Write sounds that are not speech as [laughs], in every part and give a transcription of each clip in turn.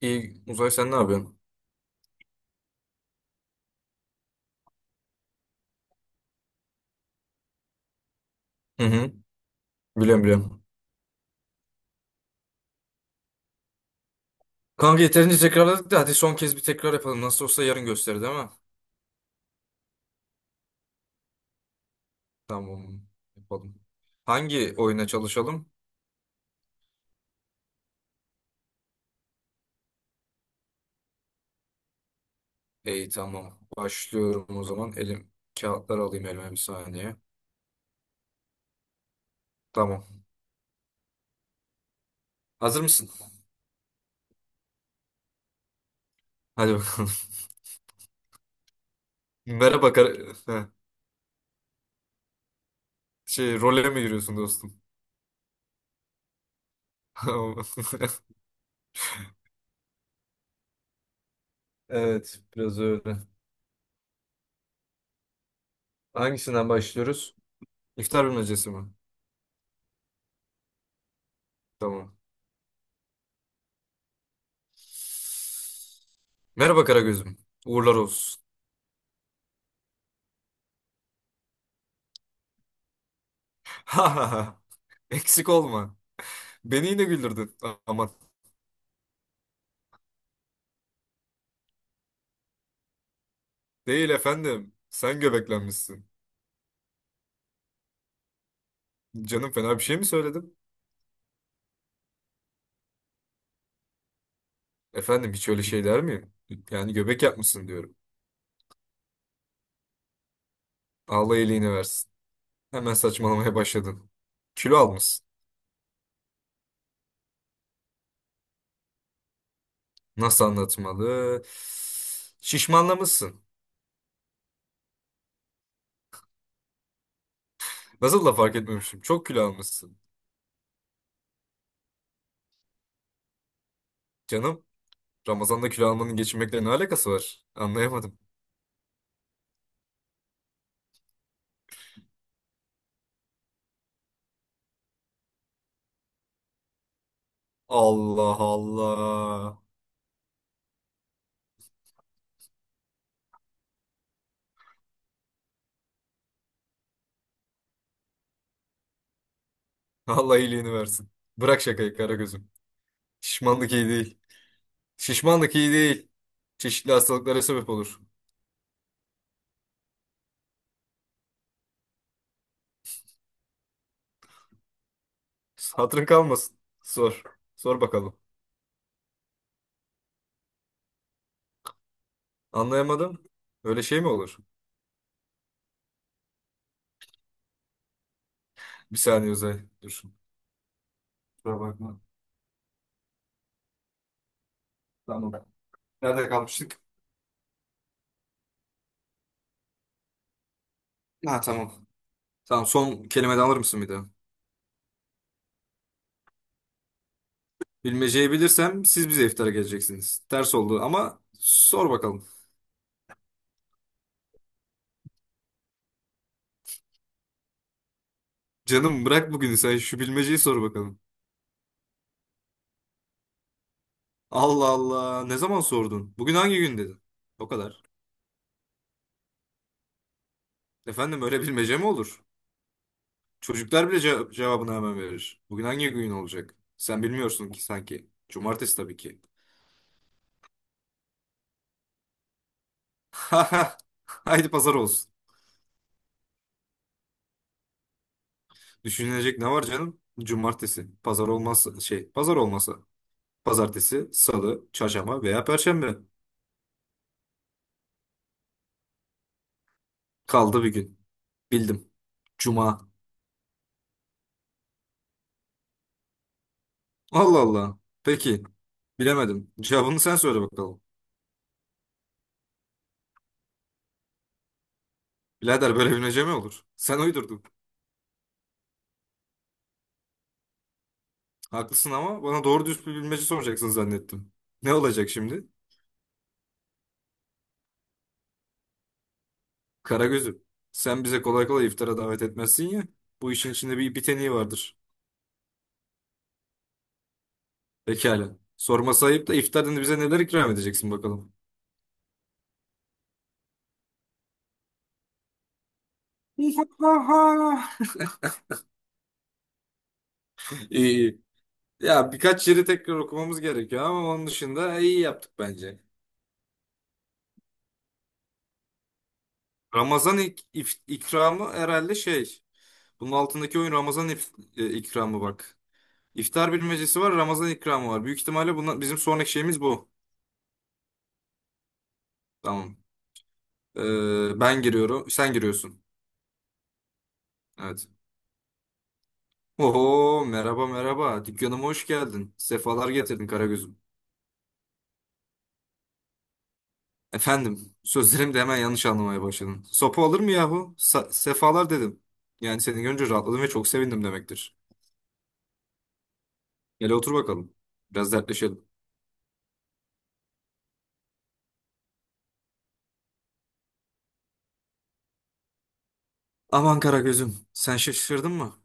İyi Uzay sen ne yapıyorsun? Hı hı. Biliyorum biliyorum. Kanka yeterince tekrarladık da hadi son kez bir tekrar yapalım. Nasıl olsa yarın gösterir değil mi? Tamam. Yapalım. Hangi oyuna çalışalım? İyi tamam. Başlıyorum o zaman. Elim kağıtları alayım elime bir saniye. Tamam. Hazır mısın? Hadi bakalım. [laughs] Merhaba Heh. Role mi giriyorsun dostum? [laughs] Evet biraz öyle. Hangisinden başlıyoruz? İftar bilmecesi mi? Tamam. Merhaba Karagöz'üm. Uğurlar olsun. [laughs] Ha ha ha. Eksik olma. Beni yine güldürdün. Aman. Değil efendim. Sen göbeklenmişsin. Canım fena bir şey mi söyledim? Efendim hiç öyle şey der miyim? Yani göbek yapmışsın diyorum. Allah iyiliğini versin. Hemen saçmalamaya başladın. Kilo almışsın. Nasıl anlatmalı? Şişmanlamışsın. Nasıl da fark etmemişim. Çok kilo almışsın. Canım, Ramazan'da kilo almanın geçinmekle ne alakası var? Anlayamadım. Allah Allah. Allah iyiliğini versin. Bırak şakayı Karagöz'üm. Şişmanlık iyi değil. Şişmanlık iyi değil. Çeşitli hastalıklara sebep olur. Hatırın kalmasın. Sor. Sor bakalım. Anlayamadım. Öyle şey mi olur? Bir saniye Uzay. Dur. Kusura bakma. Tamam. Nerede kalmıştık? Ha tamam. Tamam, son kelime de alır mısın bir daha? Bilmeceyi bilirsem siz bize iftara geleceksiniz. Ters oldu ama sor bakalım. Canım bırak bugünü, sen şu bilmeceyi sor bakalım. Allah Allah, ne zaman sordun? Bugün hangi gün dedin? O kadar. Efendim öyle bilmece mi olur? Çocuklar bile cevabını hemen verir. Bugün hangi gün olacak? Sen bilmiyorsun ki sanki. Cumartesi tabii ki. [laughs] Haydi pazar olsun. Düşünülecek ne var canım? Cumartesi. Pazar olmazsa şey, pazar olmasa. Pazartesi, salı, çarşamba veya perşembe. Kaldı bir gün. Bildim. Cuma. Allah Allah. Peki. Bilemedim. Cevabını sen söyle bakalım. Birader böyle bilmece mi olur? Sen uydurdun. Haklısın ama bana doğru düz bir bilmece soracaksın zannettim. Ne olacak şimdi? Karagöz'üm, sen bize kolay kolay iftara davet etmezsin ya. Bu işin içinde bir biteniği vardır. Pekala. Sorması ayıp da iftarında bize neler ikram edeceksin bakalım. [laughs] İyi. Ya birkaç yeri tekrar okumamız gerekiyor ama onun dışında iyi yaptık bence. Ramazan ikramı herhalde şey. Bunun altındaki oyun Ramazan ikramı bak. İftar bilmecesi var, Ramazan ikramı var. Büyük ihtimalle bunlar, bizim sonraki şeyimiz bu. Tamam. Ben giriyorum. Sen giriyorsun. Evet. Oho merhaba merhaba. Dükkanıma hoş geldin. Sefalar getirdin Karagöz'üm. Efendim sözlerimi de hemen yanlış anlamaya başladın. Sopa olur mu yahu? Sefalar dedim. Yani seni görünce rahatladım ve çok sevindim demektir. Gel otur bakalım. Biraz dertleşelim. Aman Karagöz'üm sen şaşırdın mı?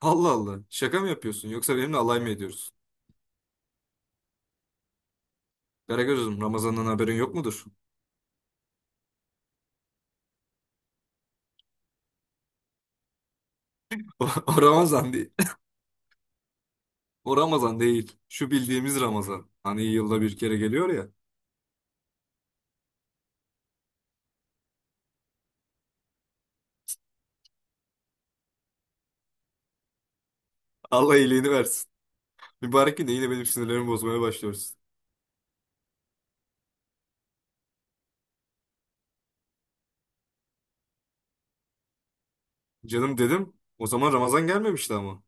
Allah Allah, şaka mı yapıyorsun yoksa benimle alay mı ediyorsun? Karagöz'üm Ramazan'dan haberin yok mudur? [laughs] O Ramazan değil. [laughs] O Ramazan değil. Şu bildiğimiz Ramazan. Hani yılda bir kere geliyor ya. Allah iyiliğini versin. Mübarek gün de yine benim sinirlerimi bozmaya başlıyorsun. Canım dedim. O zaman Ramazan gelmemişti ama.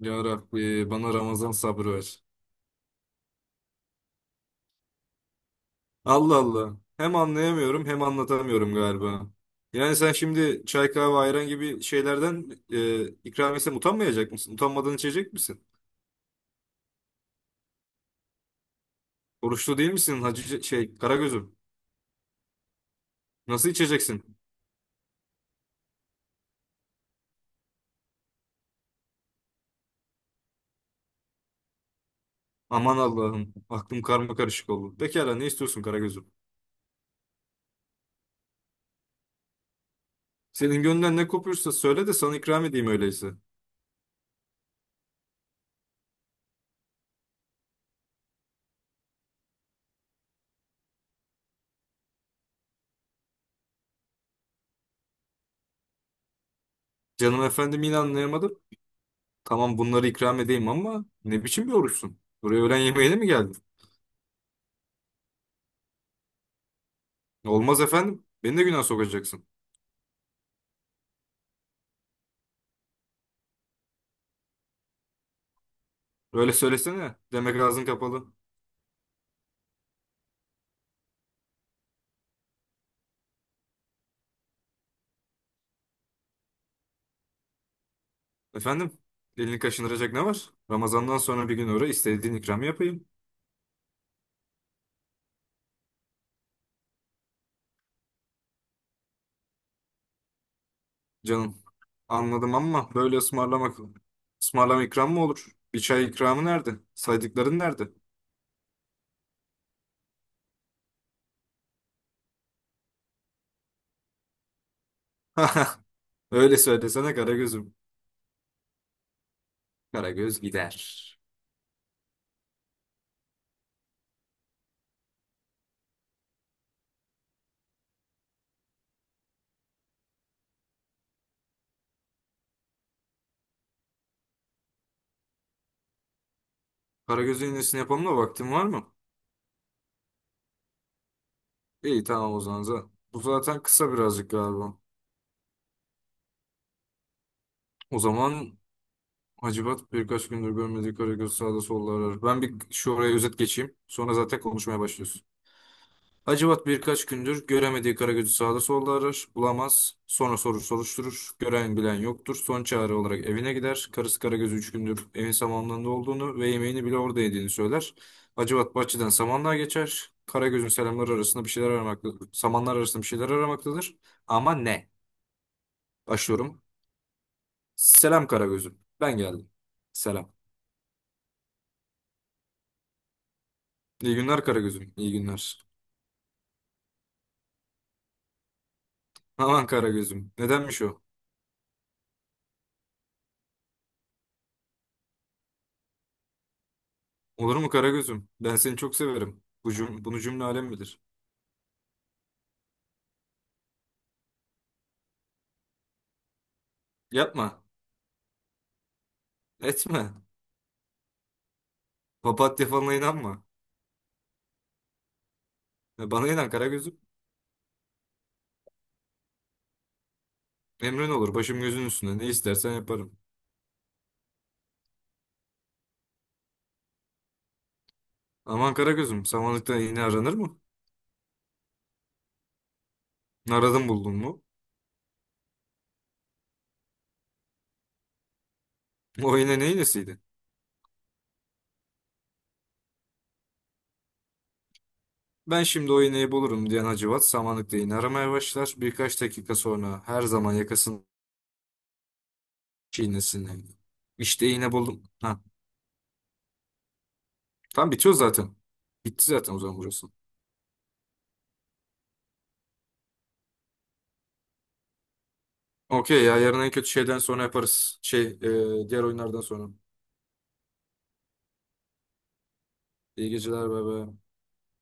Ya Rabbi bana Ramazan sabrı ver. Allah Allah. Hem anlayamıyorum hem anlatamıyorum galiba. Yani sen şimdi çay kahve ayran gibi şeylerden ikram etsem utanmayacak mısın? Utanmadan içecek misin? Oruçlu değil misin hacı şey Karagöz'üm? Nasıl içeceksin? Aman Allah'ım aklım karma karışık oldu. Pekala ne istiyorsun Karagöz'üm? Senin gönlünden ne kopuyorsa söyle de sana ikram edeyim öyleyse. Canım efendim yine anlayamadım. Tamam bunları ikram edeyim ama ne biçim bir oruçsun? Buraya öğlen yemeğine mi geldin? Olmaz efendim. Beni de günah sokacaksın. Öyle söylesene. Demek ağzın kapalı. Efendim, elini kaşındıracak ne var? Ramazandan sonra bir gün uğra istediğin ikramı yapayım. Canım, anladım ama böyle ısmarlamak, ısmarlama ikram mı olur? Bir çay ikramı nerede? Saydıkların nerede? [laughs] Öyle söylesene Karagöz'üm. Karagöz gider. Karagöz'ün iğnesini yapalım da vaktin var mı? İyi tamam o zaman. Bu zaten kısa birazcık galiba. O zaman Hacivat birkaç gündür görmediği Karagöz sağda solda arar. Ben bir şu oraya özet geçeyim. Sonra zaten konuşmaya başlıyorsun. Hacivat birkaç gündür göremediği Karagöz'ü sağda solda arar. Bulamaz. Sonra sorur soruşturur. Gören bilen yoktur. Son çare olarak evine gider. Karısı Karagöz'ü üç gündür evin samanlığında olduğunu ve yemeğini bile orada yediğini söyler. Hacivat bahçeden samanlığa geçer. Karagöz'ün selamları arasında bir şeyler aramaktadır. Samanlar arasında bir şeyler aramaktadır. Ama ne? Başlıyorum. Selam Karagöz'üm. Ben geldim. Selam. İyi günler Karagözüm. İyi günler. Aman Karagözüm. Nedenmiş o? Olur mu Karagözüm? Ben seni çok severim. Bu bunu cümle alem bilir. Yapma. Etme. Papatya falına inanma. Ya, bana inan Karagözüm. Emrin olur. Başım gözün üstünde. Ne istersen yaparım. Aman Karagözüm. Samanlıkta iğne aranır mı? Aradın buldun mu? O iğne ne iğnesiydi? Ben şimdi o iğneyi bulurum diyen Hacivat samanlıkta iğne aramaya başlar. Birkaç dakika sonra her zaman yakasını çiğnesin. İşte iğne buldum. Ha. Tam bitiyor zaten. Bitti zaten o zaman burası. Okey ya, yarın en kötü şeyden sonra yaparız. Diğer oyunlardan sonra. İyi geceler bebe.